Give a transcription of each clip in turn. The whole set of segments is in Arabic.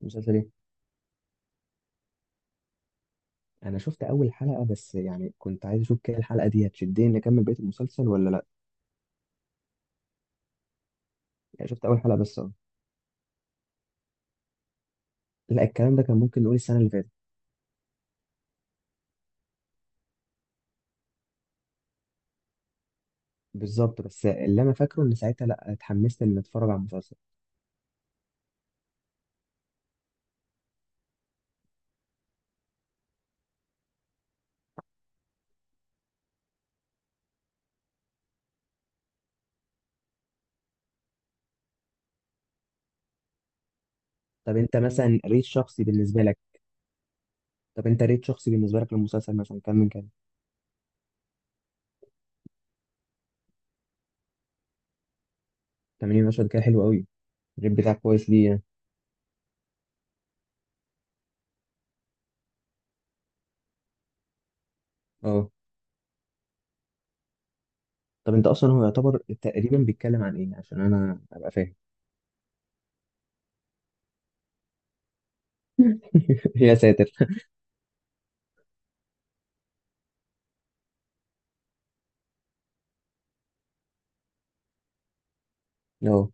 مسلسل ايه؟ انا شفت اول حلقه بس، يعني كنت عايز اشوف كده الحلقه دي هتشدني نكمل بقيه المسلسل ولا لا. يعني شفت اول حلقه بس، اه. لا، الكلام ده كان ممكن نقول السنه اللي فاتت. بالظبط، بس اللي انا فاكره ان ساعتها لا اتحمست ان اتفرج على المسلسل. طب انت مثلا ريت شخصي بالنسبه لك، طب انت ريت شخصي بالنسبه لك للمسلسل مثلا كام من كام؟ 80 مشهد، كده حلو قوي. الريت بتاعك كويس ليه يعني؟ اه. طب انت اصلا هو يعتبر تقريبا بيتكلم عن ايه عشان انا ابقى فاهم؟ يا ساتر. اه.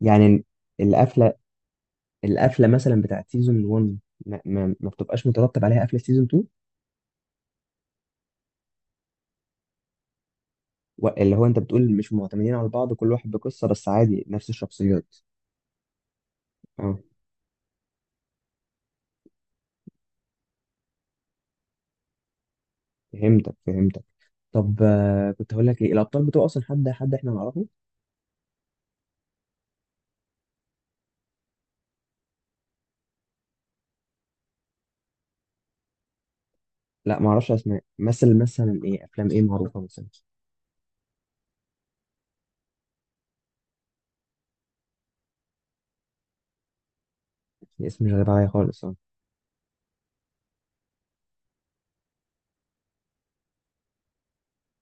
يعني القفله، القفله مثلا بتاعت سيزون 1، ما بتبقاش مترتب عليها قفله سيزون 2. اللي هو انت بتقول مش معتمدين على بعض، كل واحد بقصه، بس عادي نفس الشخصيات. اه، فهمتك فهمتك. طب كنت هقول لك ايه، الابطال بتوع اصلا، حد احنا نعرفه؟ لا، ما اعرفش اسماء، مثل ايه افلام ايه معروفه مثلا؟ الاسم مش غريب عليا خالص، اه.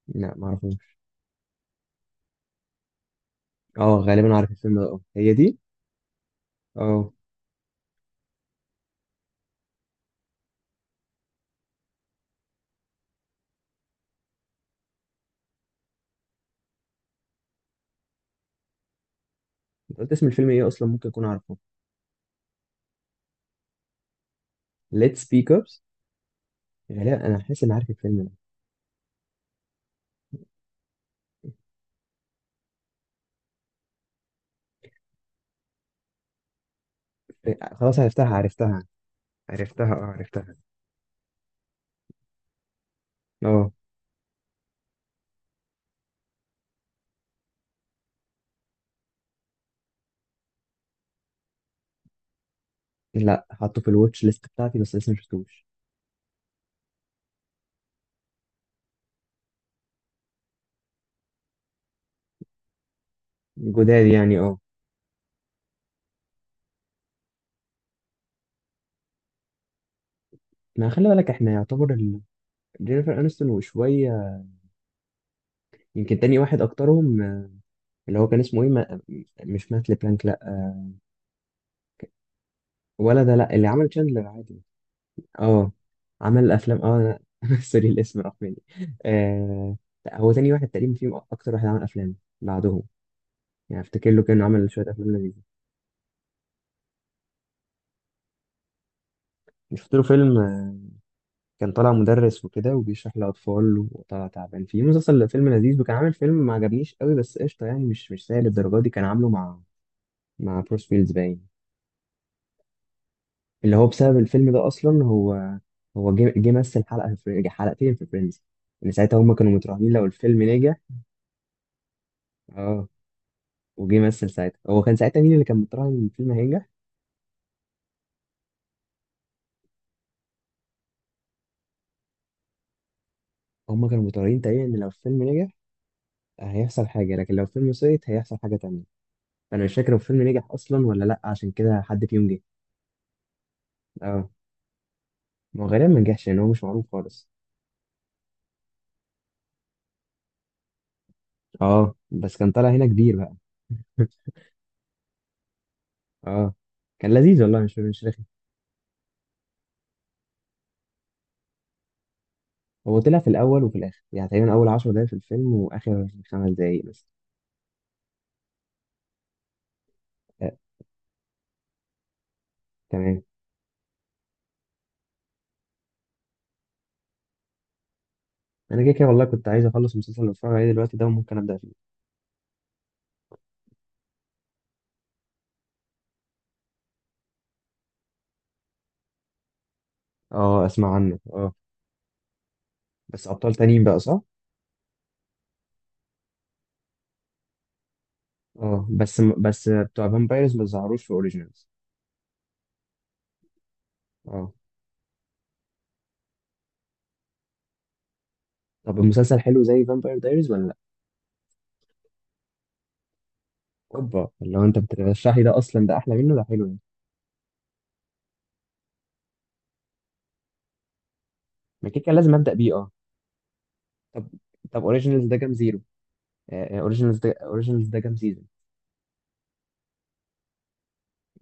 لا، ما اعرفوش. اه غالبا عارف الفيلم ده، اه هي دي. اه. أنت قلت اسم الفيلم ايه اصلا؟ ممكن اكون عارفه. Let's Speak Ups. غالبا انا حاسس اني عارف الفيلم ده. إيه، خلاص عرفتها عرفتها، عرفتها اه عرفتها. اه لا، حاطه في الواتش ليست بتاعتي بس لسه ما شفتوش. جداد يعني، اه. ما خلي بالك احنا يعتبر ال... جينيفر انستون وشويه. يمكن تاني واحد اكترهم، اللي هو كان اسمه ايه، ما... مش مات لبلانك؟ لا، ولا ده، لا اللي عمل تشاندلر عادي. اه. عمل افلام، اه. أنا- سوري الاسم راح مني. آه... لا، هو تاني واحد تقريبا فيهم اكتر واحد عمل افلام بعدهم. يعني افتكر له كان عمل شويه افلام لذيذه. شفت له فيلم، كان طالع مدرس وكده وبيشرح لأطفال وطلع تعبان فيه، مسلسل فيلم لذيذ. وكان عامل فيلم ما عجبنيش قوي بس قشطة يعني، مش مش سيء للدرجة دي، كان عامله مع بروس ويلز باين. اللي هو بسبب الفيلم ده أصلا، هو جه مثل حلقة في حلقتين في فريندز. إن ساعتها هما كانوا متراهنين لو الفيلم نجح. اه، وجه مثل ساعتها. هو كان ساعتها مين اللي كان متراهن إن الفيلم هينجح؟ هما كانوا متراهنين تقريبا إن لو الفيلم نجح، هيحصل حاجة، لكن لو الفيلم سقط هيحصل حاجة تانية. فأنا مش فاكر هو الفيلم نجح أصلا ولا لأ عشان كده حد فيهم جه. اه، ما هو غالبا ما نجحش لان هو مش معروف خالص. اه، بس كان طالع هنا كبير بقى. اه، كان لذيذ والله، مش مش رخي. هو طلع في الاول وفي الاخر يعني، تقريبا اول 10 دقايق في الفيلم واخر خمس دقايق بس. آه. تمام. انا كده كده والله كنت عايز اخلص المسلسل اللي بتفرج عليه دلوقتي ده وممكن ابدا فيه. اه اسمع عنه، اه. بس ابطال تانيين بقى، صح؟ اه، بس بتوع فامبايرز ما ظهروش في اوريجينالز. اه. طب المسلسل حلو زي فامباير دايريز ولا لا؟ اوبا، لو انت بترشحي ده اصلا، ده احلى منه، ده حلو يعني. ما كده كده لازم ابدا بيه، اه. طب، اوريجينالز ده كام زيرو، اوريجينالز ده، اوريجينالز ده كام سيزون؟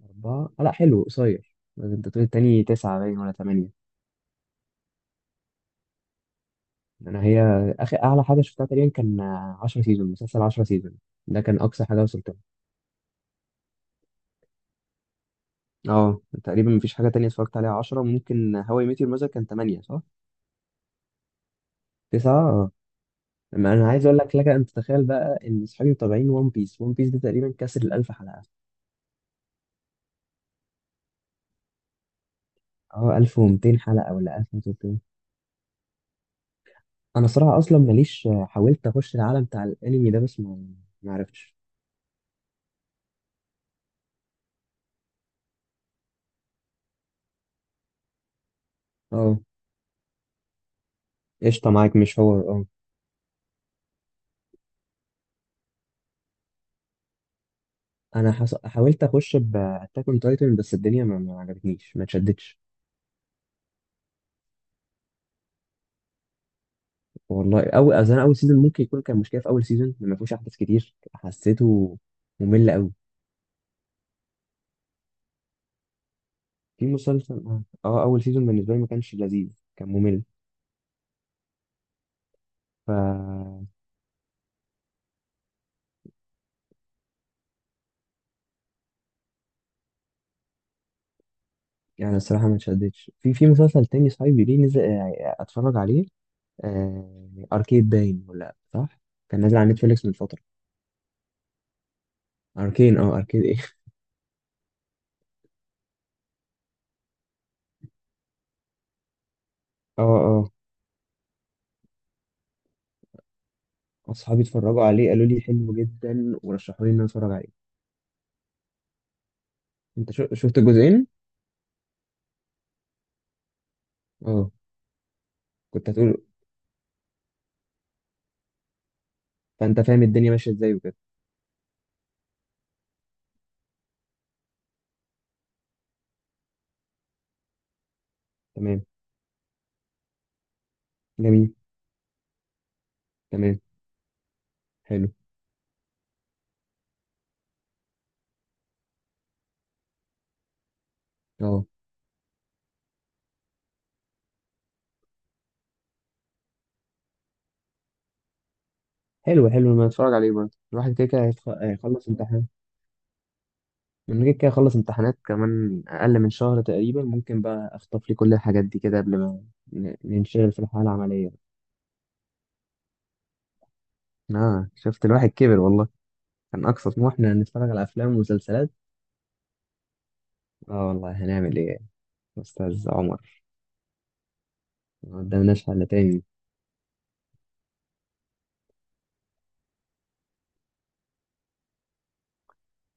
اربعه، آه لا حلو قصير. انت بتقول التاني تسعه باين ولا ثمانيه؟ انا هي اخر اعلى حاجه شفتها تقريبا كان 10 سيزون، مسلسل 10 سيزون، ده كان اقصى حاجه وصلت لها. اه، تقريبا مفيش حاجه تانية اتفرجت عليها 10. ممكن هواي ميت يور مذر كان 8، صح؟ 9، اه. ما انا عايز اقول لك، انت تتخيل بقى ان اصحابي متابعين ون بيس، ون بيس ده تقريبا كسر ال 1000 حلقه. اه 1200 حلقه ولا 1300. انا صراحه اصلا ماليش، حاولت اخش العالم بتاع الانمي ده بس ما عرفتش. اه قشطه معاك، مش هو اه. انا حاولت اخش باتاك اون تايتن بس الدنيا ما عجبتنيش، ما اتشدتش. والله اول، اصل انا اول سيزون ممكن يكون كان مشكله في اول سيزون، ما فيهوش احداث كتير حسيته ممل قوي في مسلسل، اه. اول سيزون بالنسبه لي ما كانش لذيذ، كان ممل. ف يعني الصراحه ما اتشدتش في مسلسل تاني صاحبي ليه نزل، اتفرج عليه. اركيد باين ولا؟ صح، كان نازل على نتفليكس من فتره. اركين، اه اركيد ايه. اه اه. اصحابي اتفرجوا عليه، قالوا لي حلو جدا ورشحوا لي ان انا اتفرج عليه. انت شفت الجزئين؟ اه. كنت هتقول، فانت فاهم الدنيا ماشيه ازاي وكده. تمام. جميل. تمام. حلو. اه. حلو، حلو. ما اتفرج عليه برضه، الواحد كده كده هيخلص امتحان. من كده كده هخلص امتحانات كمان اقل من شهر تقريبا، ممكن بقى اخطف لي كل الحاجات دي كده قبل ما ننشغل في الحياه العمليه. اه، شفت الواحد كبر والله. كان أقصى طموحنا نتفرج على أفلام ومسلسلات. آه والله هنعمل إيه يا أستاذ عمر؟ ما قدامناش حل تاني.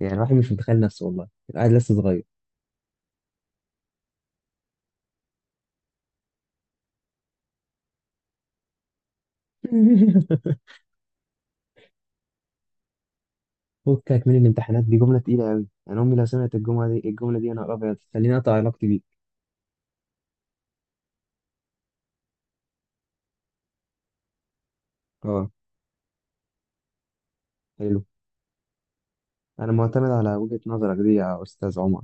يعني الواحد مش متخيل نفسه، والله الواحد لسه صغير. فكك من الامتحانات دي جملة تقيلة أوي، أنا أمي لو سمعت الجملة دي، الجملة دي أنا أبيض خليني أقطع علاقتي بيك. أه حلو. أنا معتمد على وجهة نظرك دي يا أستاذ عمر.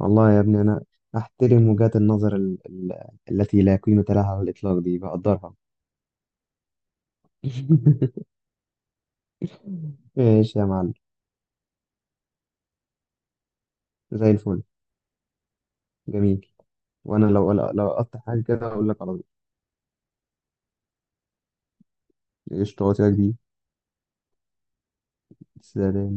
والله يا ابني أنا أحترم وجهات النظر ال... ال... التي لا قيمة لها على الإطلاق دي بقدرها. ماشي يا معلم. زي الفل. جميل. وانا لو لو قطع حاجه كده اقول لك على طول. قشطه، هو كده كبير. سلام.